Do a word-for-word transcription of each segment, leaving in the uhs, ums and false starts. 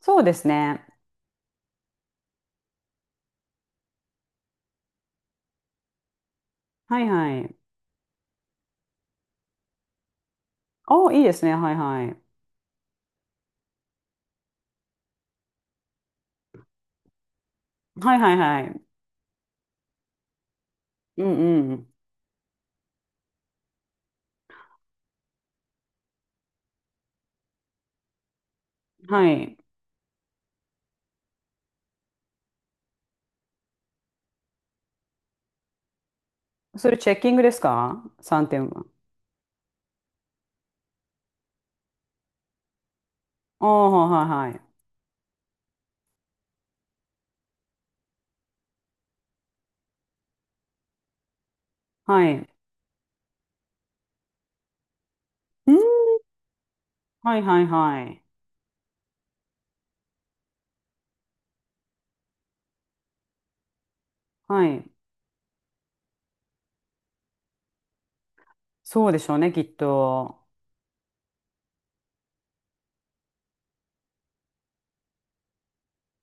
そうですね。はいはい。あ、いいですね。はいはい。はいはいはい。うんうん。はい。それチェッキングですか？ さん 点は。ああ、はいはいはい。はい。うん。はいはいはい。はい。そうでしょうね、きっと。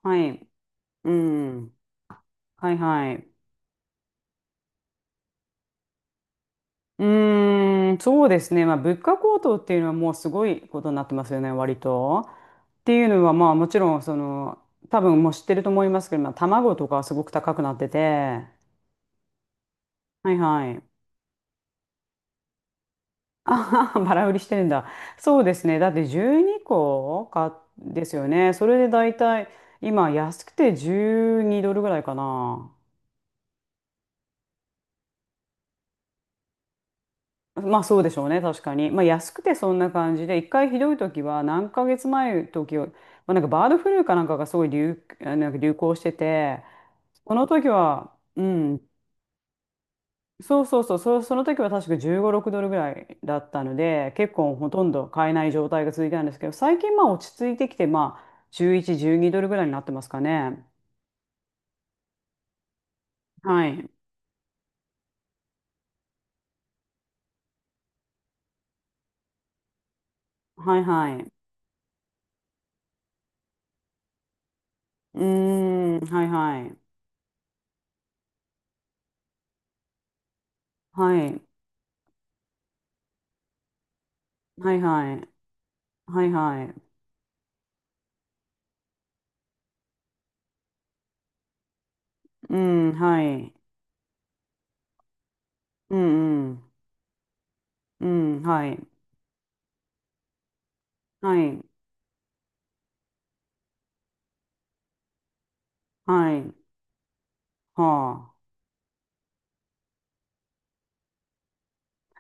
はい。うん。はいはい。うーん、そうですね。まあ、物価高騰っていうのはもうすごいことになってますよね、割と。っていうのは、まあ、もちろん、その、多分もう知ってると思いますけど、まあ、卵とかはすごく高くなってて、はいはい。ああ、バラ売りしてるんだ。そうですね。だってじゅうにこかですよね。それで大体、今安くてじゅうにドルぐらいかな。まあそうでしょうね、確かに。まあ安くてそんな感じで、一回ひどい時は何ヶ月前の時は、まあ、なんかバードフルーかなんかがすごい流、あなんか流行してて、この時は、うん、そうそうそう、そ、その時は確かじゅうご、ろくドルぐらいだったので、結構ほとんど買えない状態が続いたんですけど、最近まあ落ち着いてきて、まあじゅういち、じゅうにドルぐらいになってますかね。はい。はいはい。うーん、はいはい。はい。はいはい。はいはい。うん、はい。うんうん。うん、はい。はい。はい。はあ。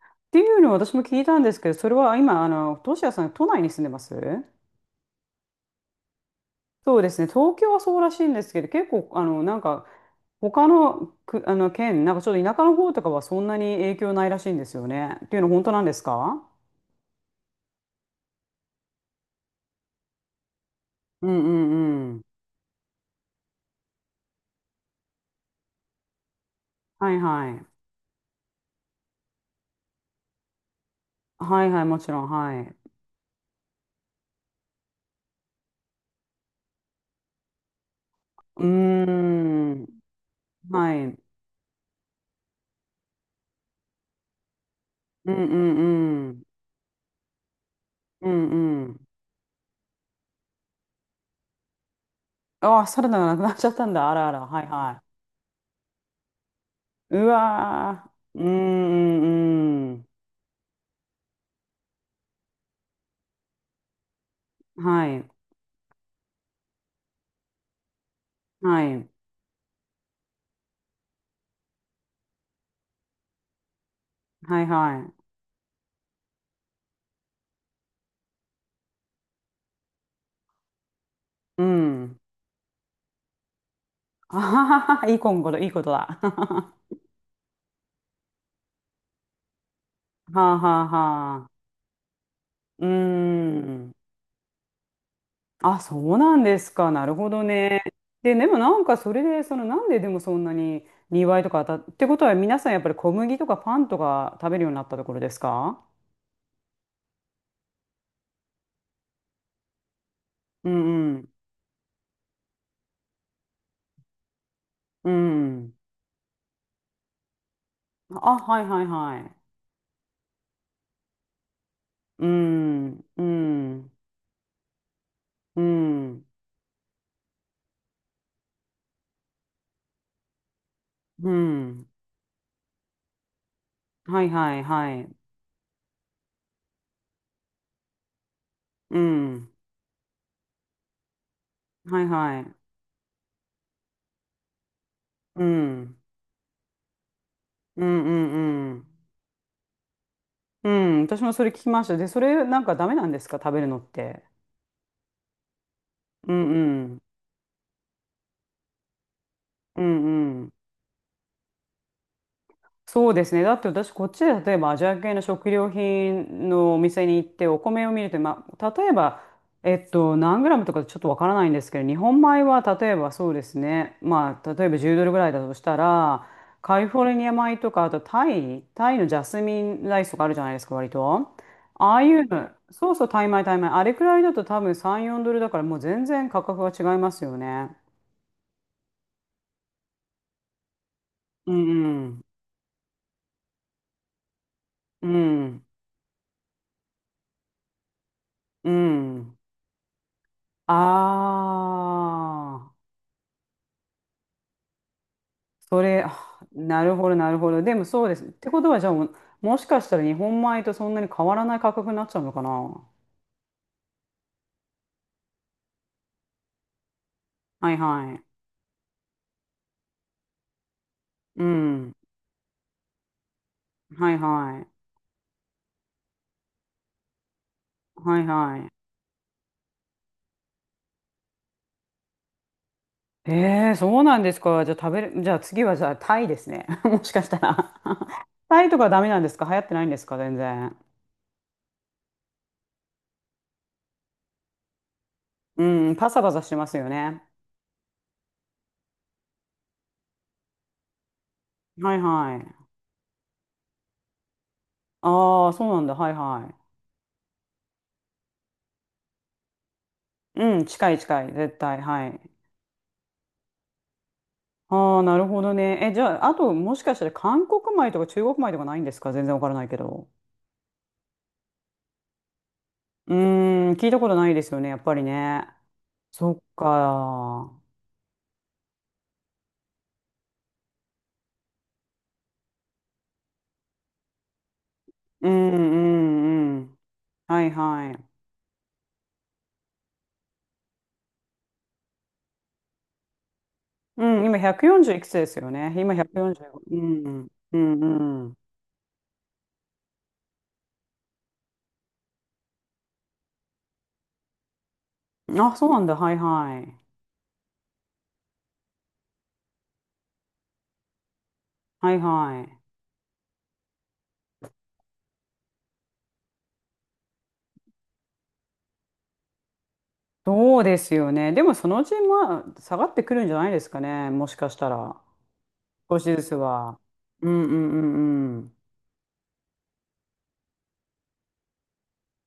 っていうのを私も聞いたんですけど、それは今、あの、トシヤさん、都内に住んでます？そうですね。東京はそうらしいんですけど、結構、あの、なんか、他の、く、あの、県、なんかちょっと田舎の方とかはそんなに影響ないらしいんですよね。っていうの本当なんですか？うんうんうん。はいはい。はいはい、もちろん、はい。うーん。はい。うんうんうん。うんうん。ああ、サラダがなくなっちゃったんだ。あらあら。はいはい。うわー。うーんうんうん。はい。はい。はいはい。うん。あははは、いい今頃、いいことだ。はあはあはあ。うーん。あ、そうなんですか。なるほどね。で、でもなんかそれで、そのなんででもそんなににいとか当たっってことは皆さんやっぱり小麦とかパンとか食べるようになったところですか？うんうん。うん。あ、はいはいはい。うん。うん。うん。うん。はいはいはい。うん。はいはい。うん。うんうんうん。うん、私もそれ聞きました。で、それなんかダメなんですか、食べるのって。うんうん。うんうん。そうですね。だって私、こっちで例えばアジア系の食料品のお店に行ってお米を見ると、まあ、例えば、えっと、何グラムとかちょっとわからないんですけど、日本米は例えばそうですね。まあ、例えばじゅうドルぐらいだとしたら、カリフォルニア米とか、あとタイ、タイのジャスミンライスとかあるじゃないですか、割と。ああいうの、そうそう、タイ米、タイ米。あれくらいだと多分さん、よんドルだから、もう全然価格が違いますよね。うんうん。うん。うん。ああ、それ、あなるほど、なるほど。でもそうです。ってことは、じゃあもう、もしかしたら日本米とそんなに変わらない価格になっちゃうのかな？はいはい。うん。はいはい。はいはい。えー、そうなんですか。じゃあ食べる、じゃあ次はじゃあタイですね。もしかしたら タイとかダメなんですか？流行ってないんですか全然。うん、パサパサしてますよね。はいはい。ああ、そうなんだ。はいはい。うん、近い近い。絶対。はい。ああ、なるほどね。え、じゃあ、あと、もしかしたら韓国米とか中国米とかないんですか？全然わからないけど。うーん、聞いたことないですよね、やっぱりね。そっか。うんうんうん。はいはい。うん、今ひゃくよんじゅういくつですよね。今ひゃくよんじゅうご。うん、うんうん。あ、そうなんだ。はいはい。はいはい。そうですよね。でも、そのうち、まあ、下がってくるんじゃないですかね。もしかしたら。少しずつは。うんうんうんうん。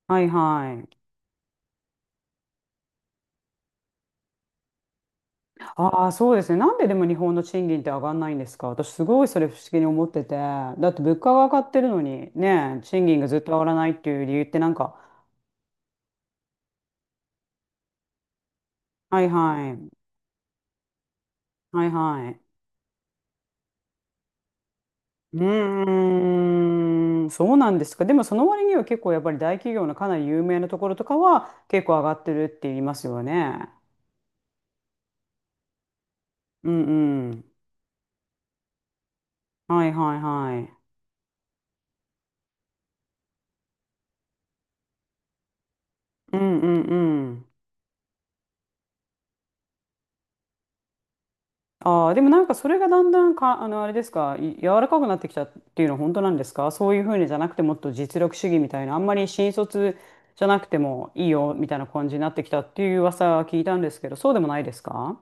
はいはい。ああ、そうですね。なんででも日本の賃金って上がんないんですか？私すごいそれ不思議に思ってて。だって物価が上がってるのに、ねえ、賃金がずっと上がらないっていう理由ってなんか、はいはい、はいはい。うーん、そうなんですか。でもその割には結構やっぱり大企業のかなり有名なところとかは結構上がってるって言いますよね。うんうん。はいはいはい。うんうんうん。ああ、でもなんかそれがだんだんか、あの、あれですか、い柔らかくなってきたっていうのは本当なんですか？そういうふうにじゃなくてもっと実力主義みたいな、あんまり新卒じゃなくてもいいよみたいな感じになってきたっていう噂は聞いたんですけど、そうでもないですか？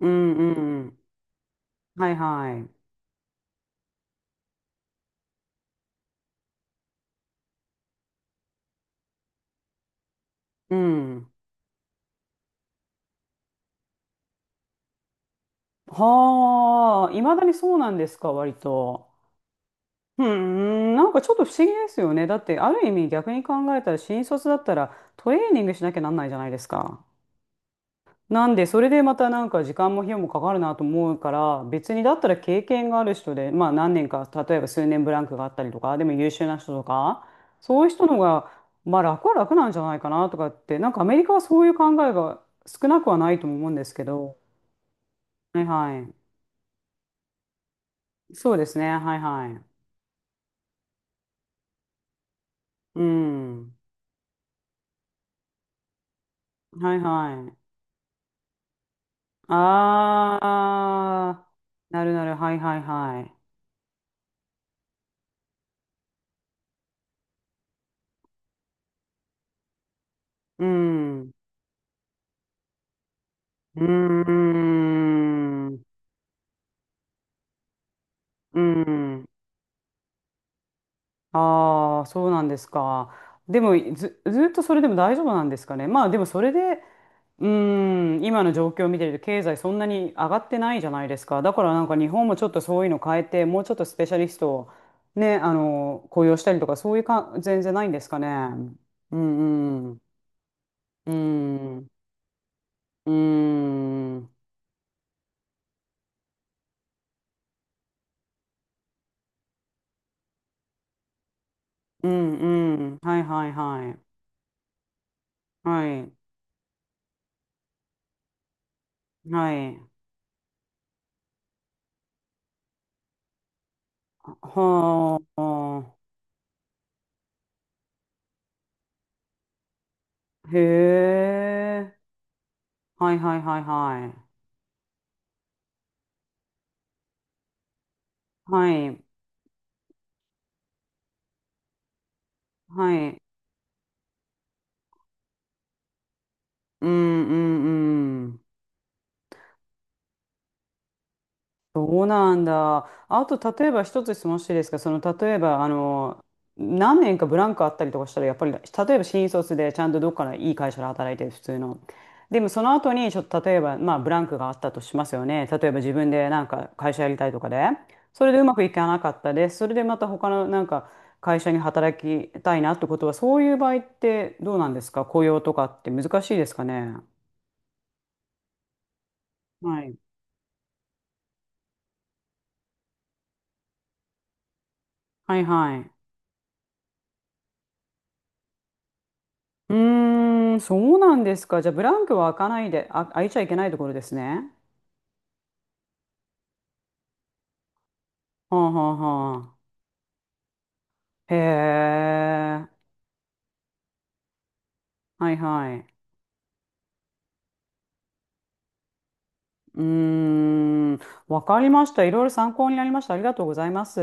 うんうんうん。はいはい。うん。はあ、いまだにそうなんですか、割と。うん、なんかちょっと不思議ですよね。だって、ある意味逆に考えたら、新卒だったらトレーニングしなきゃなんないじゃないですか。なんで、それでまたなんか時間も費用もかかるなと思うから、別にだったら経験がある人で、まあ何年か、例えば数年ブランクがあったりとか、でも優秀な人とか、そういう人の方が、まあ楽は楽なんじゃないかなとかって、なんかアメリカはそういう考えが少なくはないとも思うんですけど、はいはい。そうですね、はいはい。うん。はいはい。あー、なるなる、はいはいはい。うん。うーん。うん。ああ、そうなんですか。でも、ず、ずっとそれでも大丈夫なんですかね。まあ、でもそれで、うーん、今の状況を見てると、経済そんなに上がってないじゃないですか。だからなんか日本もちょっとそういうの変えて、もうちょっとスペシャリストをね、あの、雇用したりとか、そういうか、全然ないんですかね。うん、うん、うん、うん、うん、うん、はいはいはい。はい、はい。はあ、へえ、はいはいはいはい。はい、はい。うん、うん、うん。そうなんだ。あと、例えば一つ質問していいですか？その、例えば、あの、何年かブランクあったりとかしたら、やっぱり、例えば新卒でちゃんとどっかのいい会社で働いてる、普通の。でも、その後に、ちょっと例えば、まあ、ブランクがあったとしますよね。例えば自分でなんか会社やりたいとかで。それでうまくいかなかったです。それでまた他のなんか会社に働きたいなってことは、そういう場合ってどうなんですか？雇用とかって難しいですかね。はいはいはい。うーん、そうなんですか。じゃあ、ブランクは開かないで、あ、開いちゃいけないところですね。はあはあはあ。へえ。はいはい。うーん、わかりました。いろいろ参考になりました。ありがとうございます。